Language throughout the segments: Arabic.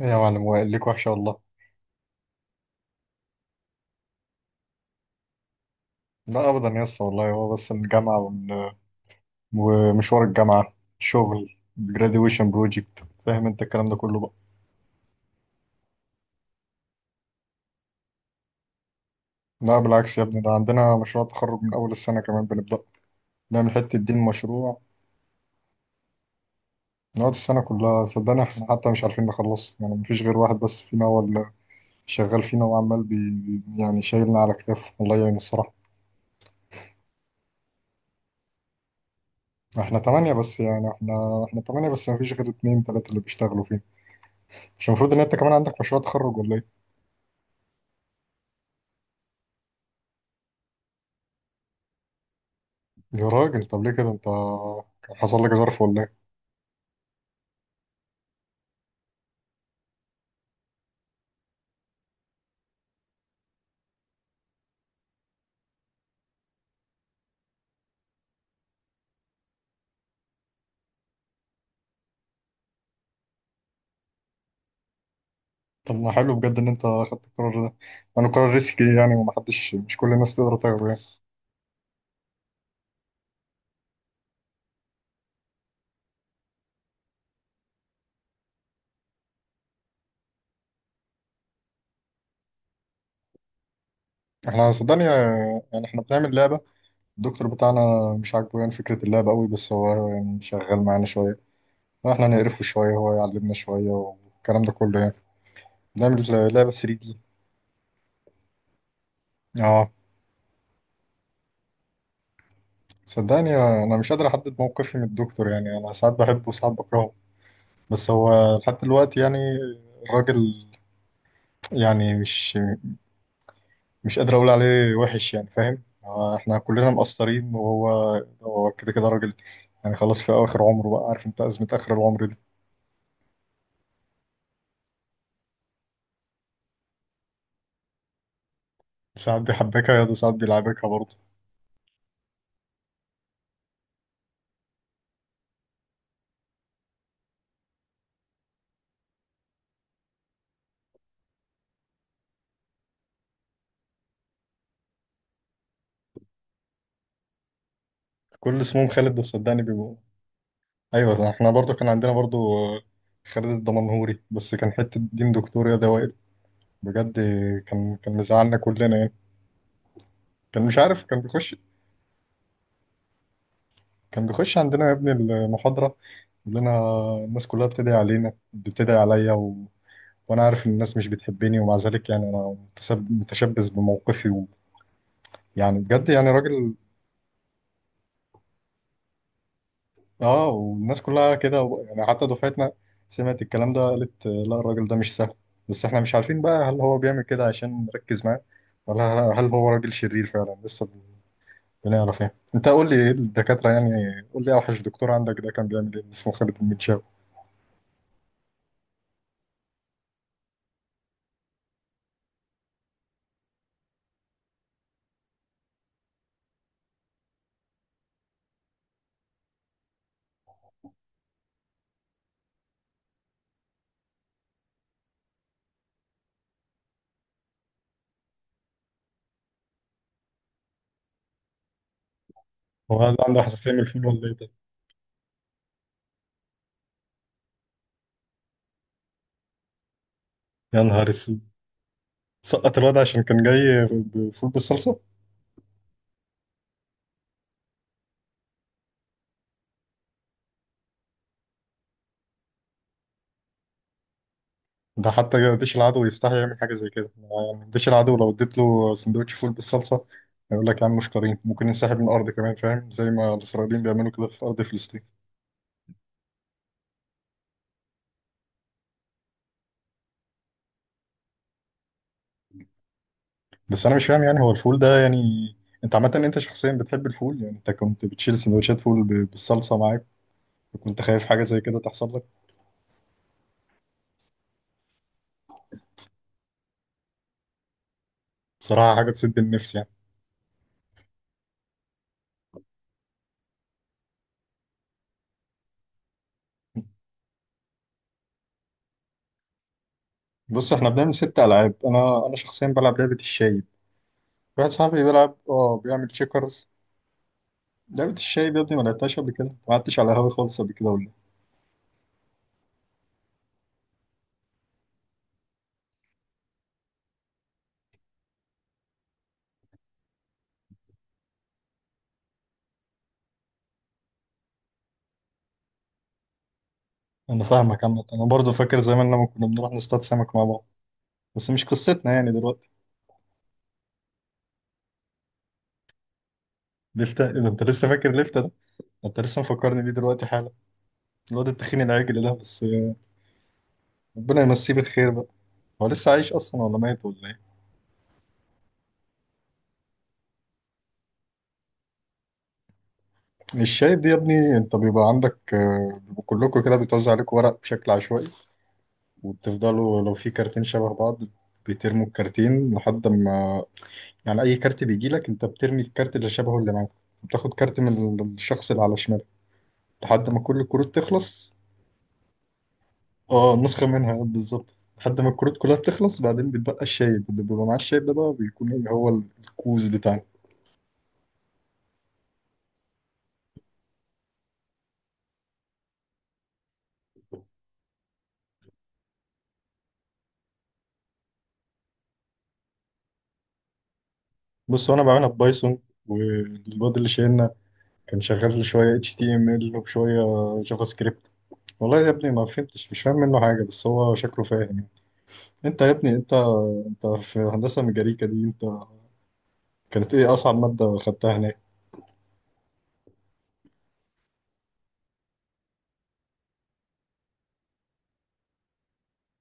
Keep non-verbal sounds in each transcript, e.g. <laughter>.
إيه يا معلم وائل ليك وحشة والله. لا أبدا يا اسطى والله، هو بس الجامعة ومشوار الجامعة، شغل، graduation project، فاهم أنت الكلام ده كله بقى. لا بالعكس يا ابني، ده عندنا مشروع تخرج من أول السنة كمان بنبدأ نعمل حتة دين مشروع. نقعد السنة كلها، صدقني احنا حتى مش عارفين نخلصه، يعني مفيش غير واحد بس فينا هو اللي شغال فينا وعمال يعني شايلنا على كتافه، والله يعين الصراحة. احنا تمانية بس، يعني احنا تمانية بس مفيش غير اتنين تلاتة اللي بيشتغلوا فيه. مش المفروض ان انت كمان عندك مشروع تخرج ولا ايه؟ يا راجل طب ليه كده انت، كان حصل لك ظرف ولا ايه؟ طب ما حلو بجد ان انت خدت القرار ده، انا قرار ريسكي يعني، وما حدش مش كل الناس تقدر تاخده يعني. احنا صدقني آه، يعني احنا بنعمل لعبه. الدكتور بتاعنا مش عاجبه يعني فكره اللعبه قوي، بس هو يعني شغال معانا شويه، احنا نقرفه شويه هو يعلمنا شويه والكلام ده كله يعني. بنعمل لعبه 3D دي. اه صدقني آه، انا مش قادر احدد موقفي من الدكتور، يعني انا ساعات بحبه وساعات بكرهه، بس هو لحد دلوقتي يعني الراجل يعني مش قادر اقول عليه وحش يعني، فاهم، هو احنا كلنا مقصرين وهو هو كده كده راجل، يعني خلاص في اخر عمره بقى، عارف انت ازمه اخر العمر دي. ساعات بيحبكها يا ساعات بيلعبكها برضه. كل اسمهم خالد ده صدقني بيبقوا، ايوه ده احنا برضه كان عندنا برضه آه، خالد الدمنهوري بس كان حته دين دكتور يا دوائر، بجد. كان مزعلنا كلنا يعني، كان مش عارف كان بيخش. كان بيخش عندنا يا ابني المحاضره يقول لنا الناس كلها بتدعي علينا، بتدعي عليا، وانا عارف ان الناس مش بتحبني، ومع ذلك يعني انا متشبث بموقفي، ويعني بجد يعني راجل. اه والناس كلها كده يعني حتى دفعتنا سمعت الكلام ده قالت آه، لا الراجل ده مش سهل، بس احنا مش عارفين بقى هل هو بيعمل كده عشان نركز معاه، ولا هل هو راجل شرير فعلا؟ لسه بنعرف يعني. انت قول لي ايه الدكاترة يعني، قول لي اوحش دكتور عندك ده كان بيعمل ايه؟ اسمه خالد المنشاوي؟ هو هذا عنده حساسية من الفول ولا ايه ده؟ يا نهار اسود، سقط الواد عشان كان جاي بفول بالصلصة. ده حتى ديش العدو يستحي يعمل حاجة زي كده، يعني ديش العدو لو اديت له سندوتش فول بالصلصة هيقول لك يا عم مش كريم، ممكن ينسحب من الأرض كمان، فاهم زي ما الإسرائيليين بيعملوا كده في أرض فلسطين. بس أنا مش فاهم يعني هو الفول ده يعني، أنت عامة أنت شخصيا بتحب الفول؟ يعني أنت كنت بتشيل سندوتشات فول بالصلصة معاك، وكنت خايف حاجة زي كده تحصل لك؟ بصراحة حاجة تسد النفس يعني. بص احنا بنعمل ست ألعاب، أنا شخصيا بلعب لعبة الشايب، واحد صاحبي بيلعب اه بيعمل تشيكرز. لعبة الشايب يا ابني ما لعبتهاش قبل كده؟ ما قعدتش على القهوة خالص قبل كده ولا؟ انا فاهمك عامة، انا برضو فاكر زمان لما كنا بنروح نصطاد سمك مع بعض، بس مش قصتنا يعني دلوقتي. لفتة؟ إيه ده انت لسه فاكر لفتة ده؟ انت لسه مفكرني بيه دلوقتي حالا، الواد التخين العجل ده بس. ربنا يمسيه بالخير بقى، هو لسه عايش اصلا ولا ميت ولا ايه؟ مش شايف دي يا ابني، انت بيبقى عندك آه، بيبقوا كلكم كده بيتوزع عليكم ورق بشكل عشوائي، وبتفضلوا لو في كارتين شبه بعض بترموا الكارتين، لحد ما يعني اي كارت بيجي لك انت بترمي الكارت اللي شبهه اللي معاك، بتاخد كارت من الشخص اللي على شمالك، لحد ما كل الكروت تخلص. اه نسخة منها آه، بالظبط، لحد ما الكروت كلها بتخلص بعدين بيتبقى الشايب، اللي بيبقى معاه الشايب ده بقى بيكون ايه، هو الكوز بتاعنا. بص انا بعملها ببايثون، والواد اللي شايلنا كان شغال لي شوية اتش تي ام ال وشوية جافا سكريبت، والله يا ابني ما فهمتش مش فاهم منه حاجة، بس هو شكله فاهم. انت يا ابني انت، انت في هندسة ميكانيكا دي انت كانت ايه اصعب مادة خدتها هناك؟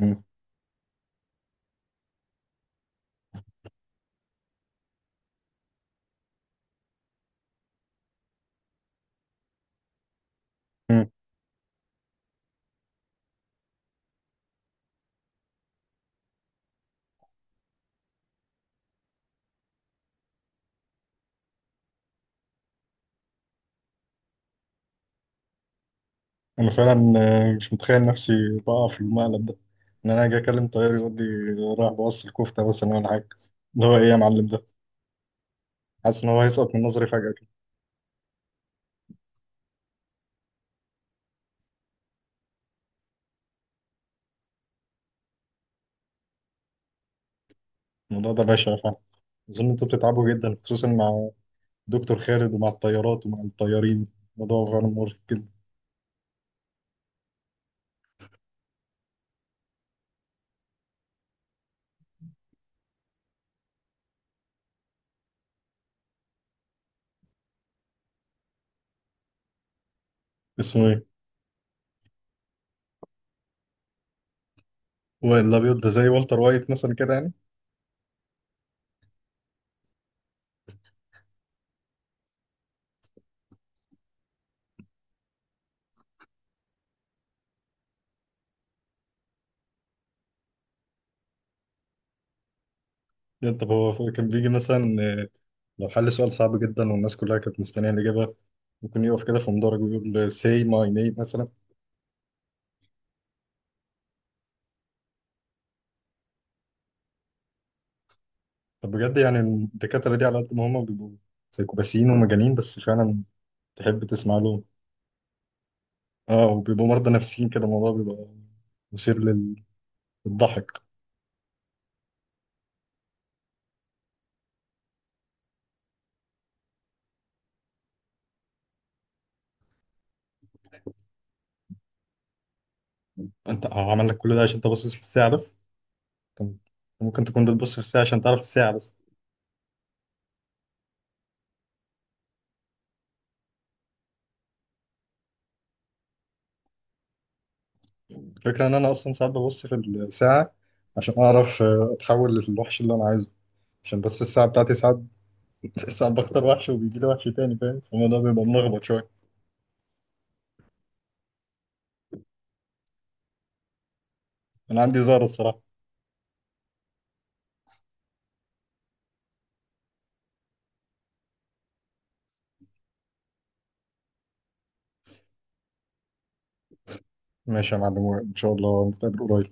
مم. انا فعلا آه، مش متخيل نفسي بقع في المقلب ده، ان انا اجي اكلم طيار يقول لي رايح بوصل الكفته مثلا ولا حاجه، اللي هو ايه يا معلم ده، حاسس ان هو هيسقط من نظري فجاه كده. الموضوع ده بشع فعلا، اظن انتوا بتتعبوا جدا خصوصا مع دكتور خالد ومع الطيارات ومع الطيارين، الموضوع فعلا مرهق جدا. اسمه ايه؟ هو الابيض ده زي والتر وايت مثلا كده يعني؟ يعني طب هو كان بيجي مثلا آه، لو حل سؤال صعب جدا والناس كلها كانت مستنيه الاجابه، ممكن يقف كده في مدرج ويقول say my name مثلا؟ طب بجد يعني الدكاترة دي على قد ما هما بيبقوا سيكوباسيين ومجانين، بس فعلا تحب تسمع لهم. اه وبيبقوا مرضى نفسيين كده، الموضوع بيبقى مثير للضحك. انت هو عمل لك كل ده عشان انت باصص في الساعة بس؟ كان- ممكن تكون بتبص في الساعة عشان تعرف الساعة بس. الفكرة ان انا اصلا ساعات ببص في الساعة عشان اعرف آه، اتحول للوحش اللي انا عايزه، عشان بس الساعة بتاعتي ساعات <laughs> ساعات بختار وحش وبيجي لي وحش تاني، فاهم الموضوع بيبقى ملخبط شوية. انا عندي زهرة الصراحة. ماشي يا معلم، ان شاء الله نتقابل قريب.